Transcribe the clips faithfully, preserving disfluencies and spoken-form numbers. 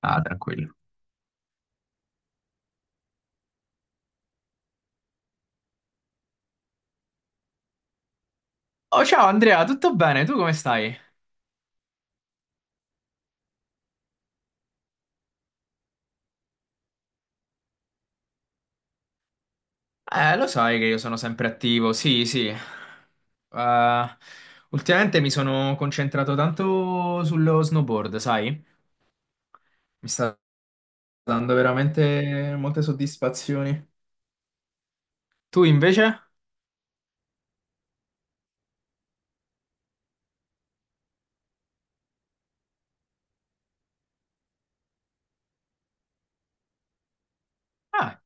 Ah, tranquillo. Oh, ciao Andrea, tutto bene? Tu come stai? Eh, lo sai che io sono sempre attivo, sì, sì. Eh, ultimamente mi sono concentrato tanto sullo snowboard, sai? Mi sta dando veramente molte soddisfazioni. Tu invece? Ah,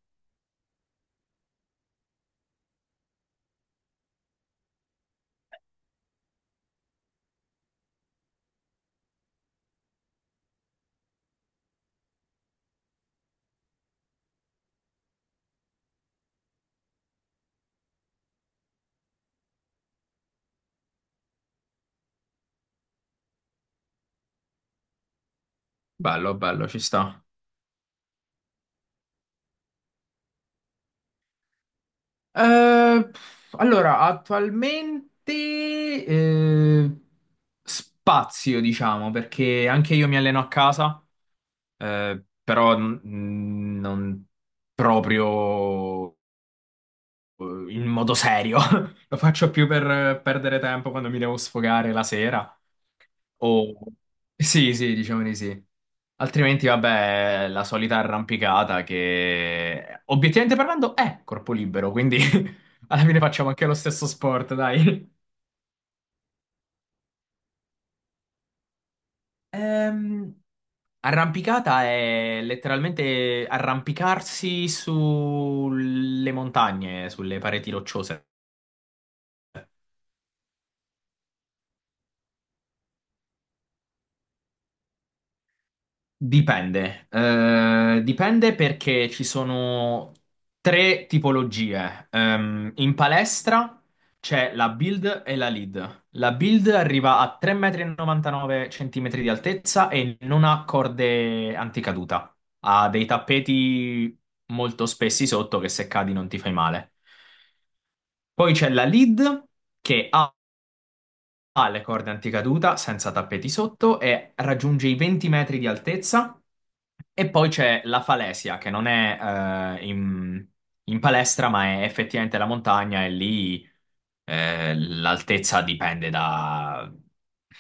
bello, bello, ci sta. Eh, allora, attualmente eh, spazio, diciamo, perché anche io mi alleno a casa. Eh, però mm, non proprio eh, in modo serio. Lo faccio più per eh, perdere tempo quando mi devo sfogare la sera. O... Sì, sì, diciamo di sì. Altrimenti, vabbè, la solita arrampicata che, obiettivamente parlando, è corpo libero, quindi alla fine facciamo anche lo stesso sport, dai. Ehm, Arrampicata è letteralmente arrampicarsi sulle montagne, sulle pareti rocciose. Dipende. Eh, dipende perché ci sono tre tipologie. Ehm, in palestra c'è la build e la lead. La build arriva a tre virgola novantanove cm di altezza e non ha corde anticaduta. Ha dei tappeti molto spessi sotto che se cadi non ti fai male. Poi c'è la lead che ha ha le corde anticaduta senza tappeti sotto e raggiunge i venti metri di altezza. E poi c'è la falesia che non è eh, in, in palestra, ma è effettivamente la montagna e lì eh, l'altezza dipende da-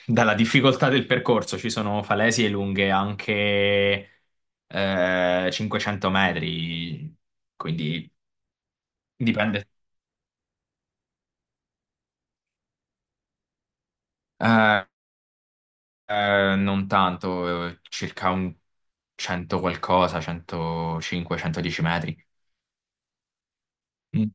dalla difficoltà del percorso. Ci sono falesie lunghe anche eh, cinquecento metri, quindi dipende. Eh, Eh, non tanto, eh, circa un cento qualcosa, centocinque, centodieci metri. Mm.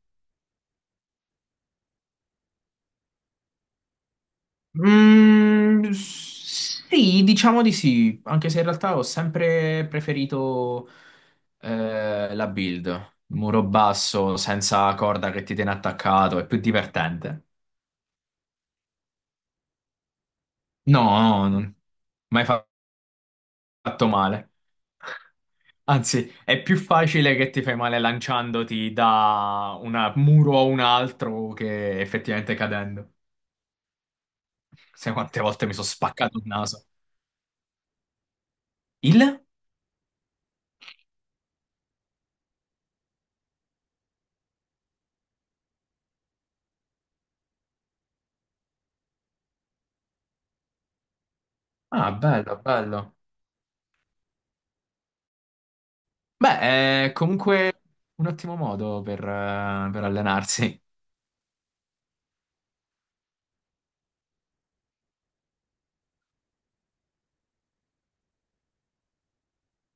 Mm, sì, diciamo di sì, anche se in realtà ho sempre preferito eh, la build, muro basso, senza corda che ti tiene attaccato, è più divertente. No, no, non- mai fa- fatto male. Anzi, è più facile che ti fai male lanciandoti da un muro a un altro che effettivamente cadendo. Sai quante volte mi sono spaccato il naso. Il? Ah, bello, bello. Beh, è comunque un ottimo modo per, eh, per allenarsi.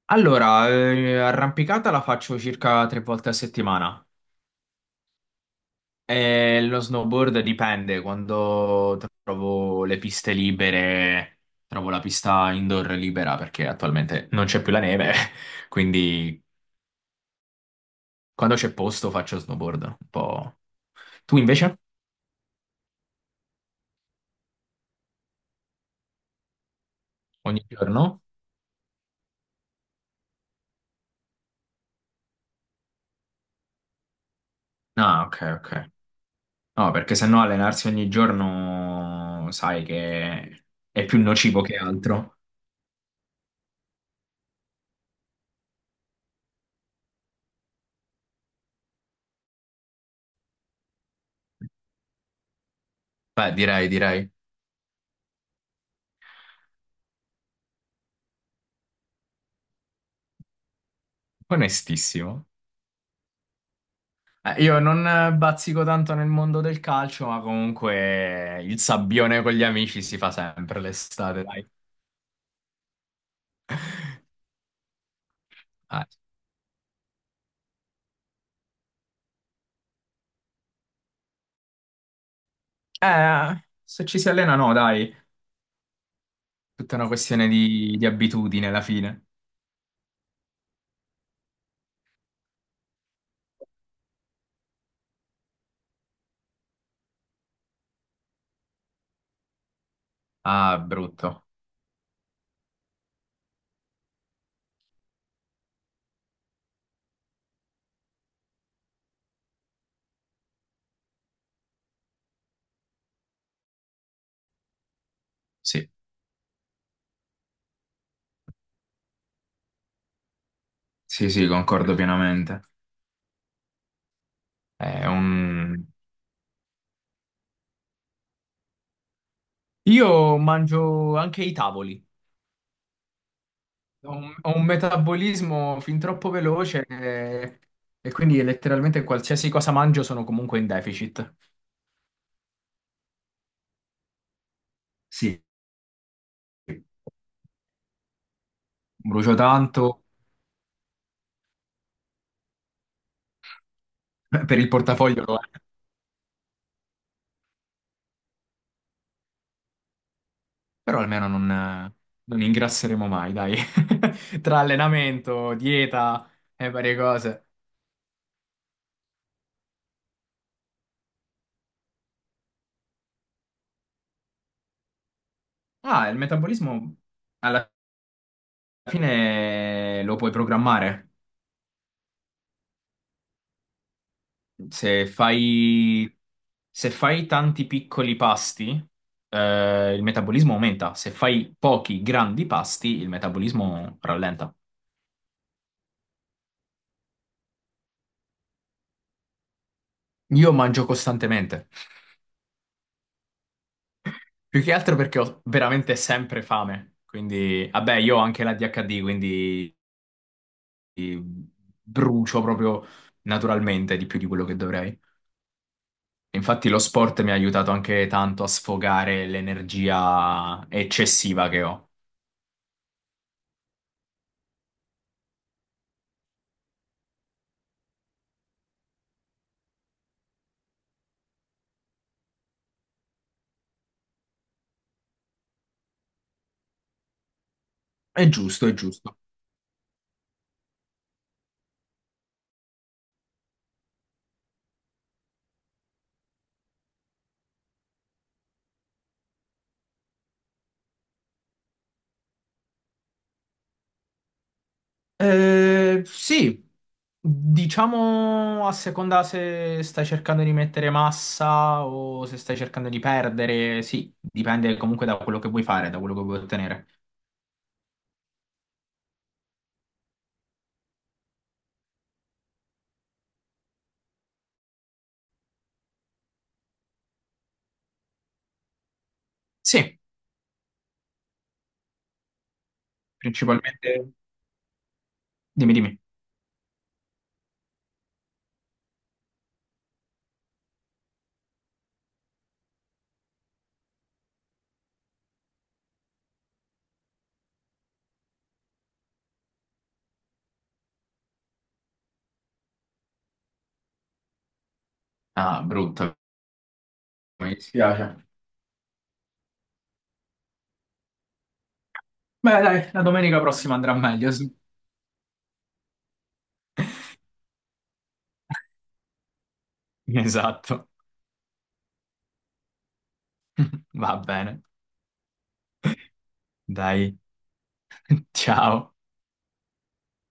Allora, eh, arrampicata la faccio circa tre volte a settimana. Eh, lo snowboard dipende, quando trovo le piste libere, trovo la pista indoor libera perché attualmente non c'è più la neve, quindi quando c'è posto faccio snowboard un po'. Tu invece? Ogni giorno? Ah, ok, ok. No, perché sennò allenarsi ogni giorno sai che è più nocivo che altro. Beh, direi, direi. Onestissimo. Eh, Io non eh, bazzico tanto nel mondo del calcio, ma comunque il sabbione con gli amici si fa sempre l'estate, dai. Ah. Eh, se ci si allena, no, dai. Tutta una questione di, di abitudine alla fine. Ah, brutto. Sì, sì, sì, concordo pienamente. È un- Io mangio anche i tavoli. Ho un, ho un metabolismo fin troppo veloce, eh, e quindi letteralmente qualsiasi cosa mangio sono comunque in deficit. Sì, brucio tanto. Per il portafoglio lo è, però almeno non, non ingrasseremo mai, dai. Tra allenamento, dieta e varie cose. Ah, il metabolismo alla fine lo puoi programmare. Se fai, se fai tanti piccoli pasti, eh, il metabolismo aumenta. Se fai pochi grandi pasti, il metabolismo rallenta. Io mangio costantemente. Più che altro perché ho veramente sempre fame, quindi vabbè, io ho anche la d h d quindi eh, brucio proprio naturalmente di più di quello che dovrei. Infatti lo sport mi ha aiutato anche tanto a sfogare l'energia eccessiva che ho. È giusto, è giusto. Eh, sì, diciamo a seconda se stai cercando di mettere massa o se stai cercando di perdere, sì, dipende comunque da quello che vuoi fare, da quello che vuoi ottenere. Sì. Principalmente, dimmi, dimmi. Ah, brutto, mi dispiace. Beh, dai, la domenica prossima andrà meglio, sì. Esatto. Va bene. Dai, ciao.